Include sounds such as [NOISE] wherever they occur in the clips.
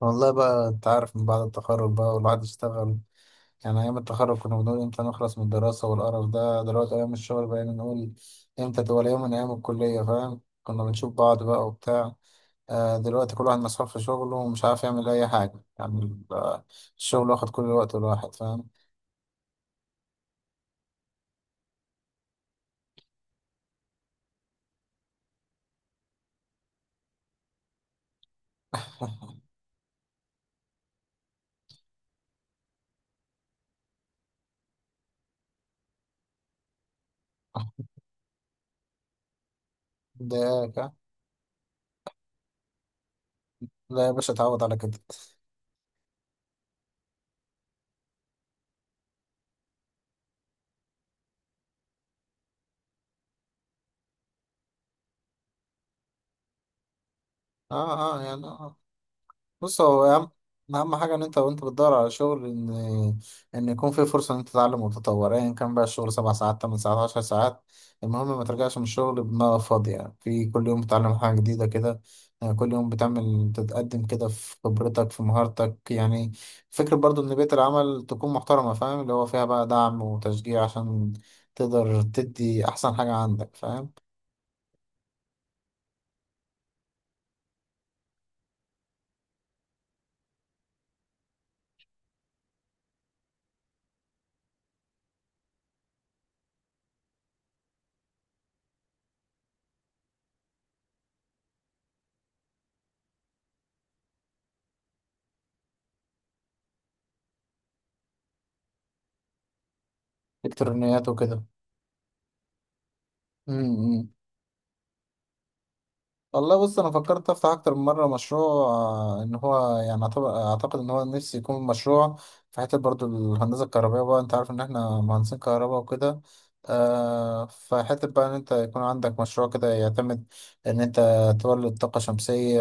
والله بقى، انت عارف من بعد التخرج بقى والواحد اشتغل. يعني ايام التخرج كنا بنقول امتى نخلص من الدراسة والقرف ده، دلوقتي ايام الشغل بقينا نقول امتى تبقى يوم من ايام الكلية، فاهم؟ كنا بنشوف بعض بقى وبتاع. دلوقتي كل واحد مسحول في شغله ومش عارف يعمل اي حاجة، يعني الشغل واخد كل الوقت الواحد، فاهم؟ [LAUGHS] مضايقاك، ها؟ لا يا باشا، اتعود على كده. اه يعني بص، هو أهم حاجة، إن أنت، وأنت بتدور على شغل، إن يكون في فرصة إن أنت تتعلم وتتطور. أيا كان بقى الشغل، 7 ساعات، 8 ساعات، 10 ساعات، المهم ما ترجعش من الشغل بدماغك فاضية. يعني في كل يوم بتتعلم حاجة جديدة كده، يعني كل يوم بتعمل تتقدم كده في خبرتك، في مهارتك، يعني فكرة برضو إن بيئة العمل تكون محترمة، فاهم؟ اللي هو فيها بقى دعم وتشجيع عشان تقدر تدي أحسن حاجة عندك، فاهم؟ إلكترونيات وكده. إمم، إمم. والله بص، انا فكرت افتح اكتر من مره مشروع. ان هو يعني أعتبر- اعتقد ان هو نفسي يكون مشروع في حته برضو الهندسه الكهربائيه بقى. انت عارف ان احنا مهندسين كهرباء وكده. آه، فحته بقى ان انت يكون عندك مشروع كده يعتمد ان انت تولد طاقه شمسيه،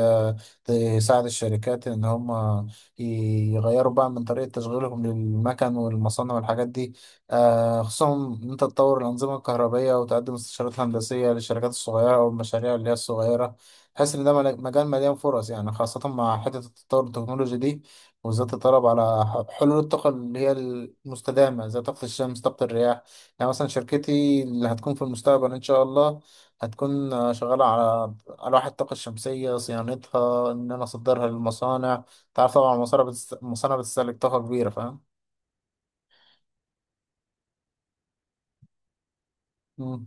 تساعد الشركات ان هم يغيروا بقى من طريقه تشغيلهم للمكن والمصانع والحاجات دي. آه، خصوصا ان انت تطور الانظمه الكهربائيه وتقدم استشارات هندسيه للشركات الصغيره والمشاريع اللي هي الصغيره. تحس ان ده مجال مليان فرص، يعني خاصة مع حتة التطور التكنولوجي دي، وبالذات الطلب على حلول الطاقة اللي هي المستدامة، زي طاقة الشمس، طاقة الرياح. يعني مثلا شركتي اللي هتكون في المستقبل إن شاء الله هتكون شغالة على ألواح الطاقة الشمسية، صيانتها، إن أنا أصدرها للمصانع. تعرف طبعا المصانع المصانع بتستهلك طاقة كبيرة، فاهم؟ مم.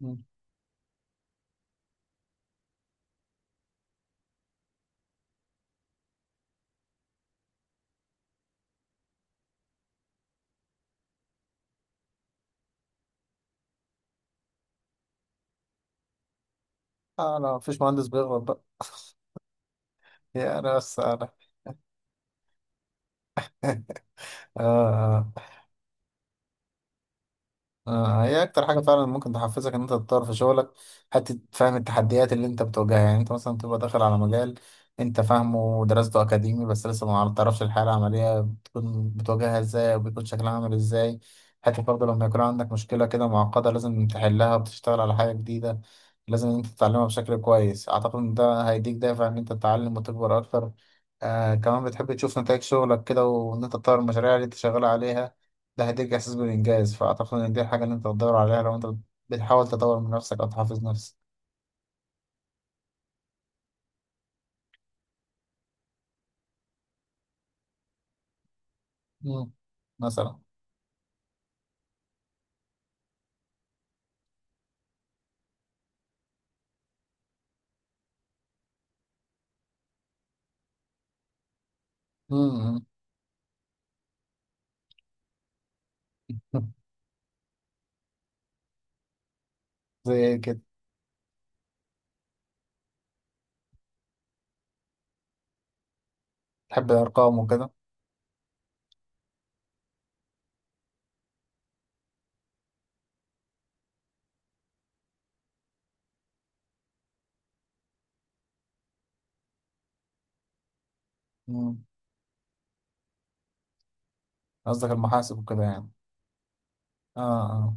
مم. أنا مفيش مهندس بيغلط بقى يا ناس. أنا [LAUGHS] آه. آه. آه، هي اكتر حاجه فعلا ممكن تحفزك ان انت تطور في شغلك، حته فهم التحديات اللي انت بتواجهها. يعني انت مثلا تبقى داخل على مجال انت فاهمه ودراسته اكاديمي، بس لسه ما تعرفش الحياه العمليه بتكون بتواجهها ازاي وبيكون شكلها عامل ازاي. حتى برضه لما يكون عندك مشكله كده معقده، لازم تحلها وتشتغل على حاجه جديده، لازم ان انت تتعلمها بشكل كويس. اعتقد ان ده هيديك دافع ان انت تتعلم وتكبر اكتر. آه، كمان بتحب تشوف نتائج شغلك كده، وان انت تطور المشاريع اللي انت شغال عليها، ده هيديك إحساس بالإنجاز. فأعتقد إن دي الحاجة اللي أنت بتدور عليها لو أنت بتحاول تطور من نفسك أو تحافظ نفسك. مم. مثلا. مم. [LAUGHS] زي إيه كده؟ تحب الأرقام وكده؟ مم. قصدك المحاسب وكده، يعني؟ آه. آه.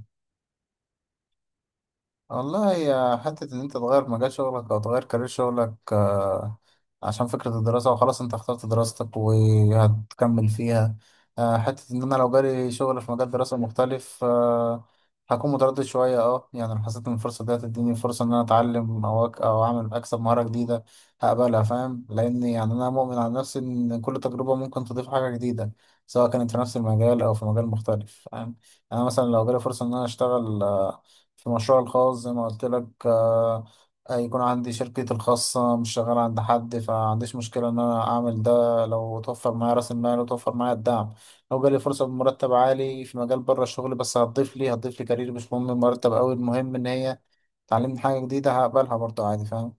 والله، هي حتة إن أنت تغير مجال شغلك أو تغير كارير شغلك، عشان فكرة الدراسة وخلاص، أنت اخترت دراستك وهتكمل فيها. حتة إن أنا لو جالي شغل في مجال دراسة مختلف، هكون متردد شوية. أه، يعني لو حسيت إن الفرصة دي هتديني فرصة إن أنا أتعلم أو أك أو أعمل أكسب مهارة جديدة، هقبلها، فاهم؟ لأن يعني أنا مؤمن على نفسي إن كل تجربة ممكن تضيف حاجة جديدة، سواء كانت في نفس المجال أو في مجال مختلف، فاهم يعني؟ أنا مثلا لو جالي فرصة إن أنا أشتغل في مشروعي الخاص زي ما قلت لك، هيكون عندي شركتي الخاصة، مش شغال عند حد، فعنديش مشكلة إن أنا أعمل ده لو توفر معايا رأس المال وتوفر معايا الدعم. لو جالي فرصة بمرتب عالي في مجال بره الشغل بس هتضيف لي كارير، مش مهم المرتب أوي، المهم إن هي تعلمني حاجة جديدة، هقبلها برضه عادي، فاهم؟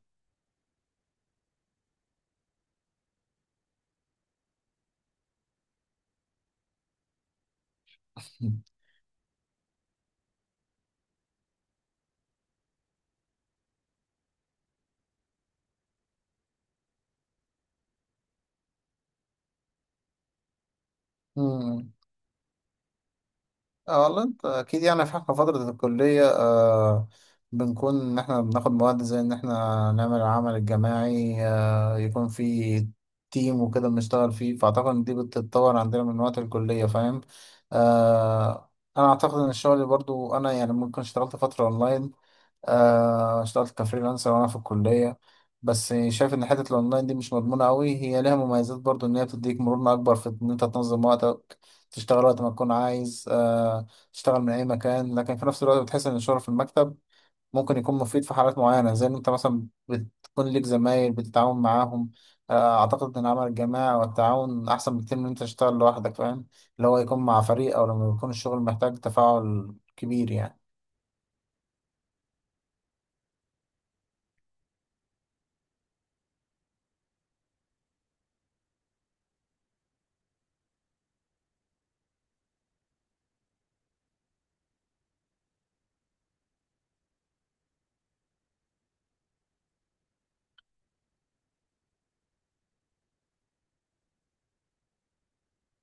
[LAUGHS] مم. اه والله، انت اكيد. يعني في احنا فترة الكلية، بنكون ان احنا بناخد مواد زي ان احنا نعمل العمل الجماعي، آه، يكون في تيم وكده بنشتغل فيه، فاعتقد ان دي بتتطور عندنا من وقت الكلية، فاهم؟ آه، انا اعتقد ان الشغل برضو. انا يعني ممكن اشتغلت فترة اونلاين، آه، اشتغلت كفريلانسر وانا في الكلية، بس شايف ان حتة الاونلاين دي مش مضمونة قوي. هي ليها مميزات برضو، ان هي بتديك مرونة اكبر في ان انت تنظم وقتك، تشتغل وقت ما تكون عايز، تشتغل من اي مكان. لكن في نفس الوقت بتحس ان الشغل في المكتب ممكن يكون مفيد في حالات معينه، زي ان انت مثلا بتكون ليك زمايل بتتعاون معاهم. اعتقد ان العمل الجماعي والتعاون احسن بكتير من إن انت تشتغل لوحدك، فاهم؟ اللي هو يكون مع فريق، او لما يكون الشغل محتاج تفاعل كبير، يعني.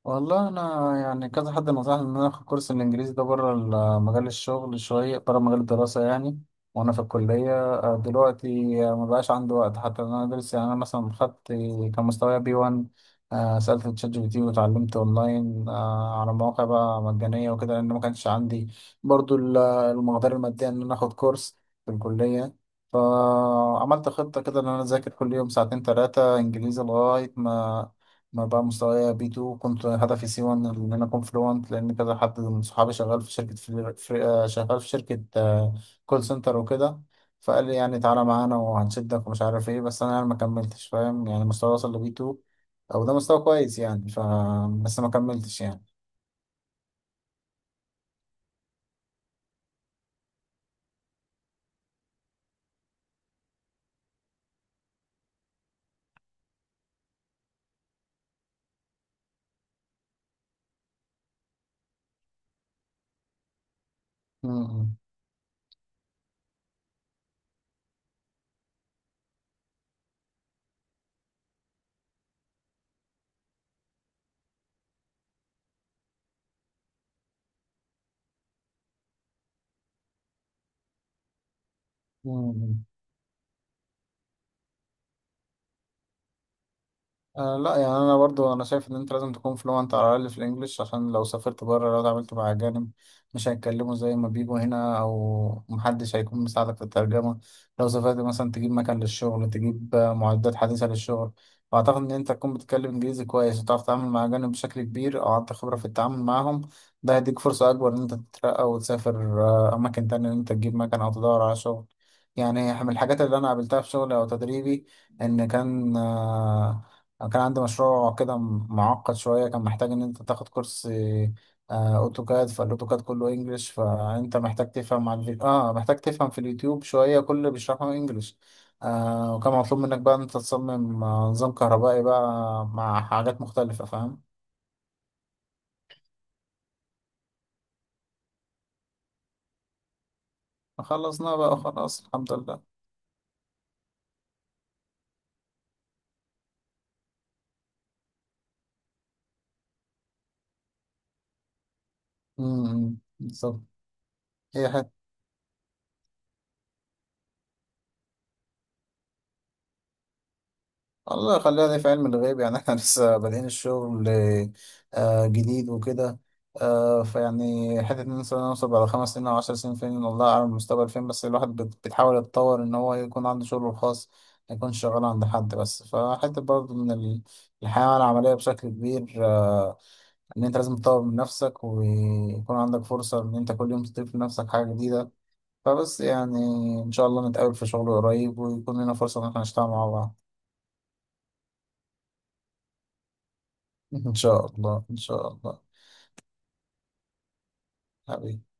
والله انا يعني كذا حد نصحني ان انا اخد كورس الانجليزي ده بره مجال الشغل، شويه بره مجال الدراسه يعني. وانا في الكليه، دلوقتي، ما بقاش عندي وقت حتى ان انا ادرس. يعني انا مثلا خدت، كان مستواي بي 1، سالت تشات جي بي تي واتعلمت اونلاين، على مواقع بقى مجانيه وكده، لان ما كانش عندي برضو المقدره الماديه ان انا اخد كورس في الكليه. فعملت خطة كده إن أنا أذاكر كل يوم ساعتين 3 إنجليزي، لغاية ما أنا بقى مستوايا بي 2، كنت هدفي سي 1 إن أنا أكون فلوانت، لأن كذا حد من صحابي شغال في شركة فل- في آه، شغال في شركة كول سنتر وكده، فقال لي يعني تعالى معانا وهنشدك ومش عارف إيه. بس أنا يعني ما كملتش، فاهم يعني؟ مستواي وصل لبي 2، أو ده مستوى كويس يعني، ف بس ما كملتش يعني. م- م- م- م. آه لا يعني انا برضو، انا شايف ان انت لازم تكون فلوانت على الاقل في الانجليش، عشان لو سافرت بره، لو اتعاملت مع اجانب مش هيتكلموا زي ما بيجوا هنا، او محدش هيكون مساعدك في الترجمه. لو سافرت مثلا تجيب مكان للشغل، تجيب معدات حديثه للشغل، فاعتقد ان انت تكون بتتكلم انجليزي كويس وتعرف تتعامل مع اجانب بشكل كبير، او عندك خبره في التعامل معاهم، ده هيديك فرصه اكبر ان انت تترقى وتسافر، اماكن تانية ان انت تجيب مكان او تدور على شغل. يعني من الحاجات اللي انا قابلتها في شغلي او تدريبي، ان كان، أنا كان عندي مشروع كده معقد شوية، كان محتاج إن أنت تاخد كورس، أوتوكاد، فالأوتوكاد كله إنجلش، فأنت محتاج تفهم على الفيديو، آه، محتاج تفهم في اليوتيوب شوية، كل اللي بيشرحه إنجلش. آه، وكان مطلوب منك بقى إن أنت تصمم، نظام كهربائي بقى مع حاجات مختلفة، فاهم؟ خلصنا بقى خلاص، الحمد لله. امم، بالظبط. هي الله، خليها دي في علم الغيب يعني. [LAUGHS] احنا لسه بادئين الشغل، جديد وكده، فيعني حتة ان إحنا نوصل بعد 5 سنين او 10 سنين فين، والله اعلم المستقبل فين. بس الواحد بيتحاول يتطور ان هو يكون عنده شغله الخاص، ما يكونش شغال عند حد بس. فحتة برضه من الحياة العملية بشكل كبير، ان انت لازم تطور من نفسك، ويكون عندك فرصة ان انت كل يوم تضيف لنفسك حاجة جديدة. فبس يعني ان شاء الله نتقابل في شغل قريب، ويكون لنا فرصة ان احنا نشتغل مع بعض. إن شاء الله، إن شاء الله. حبيبي.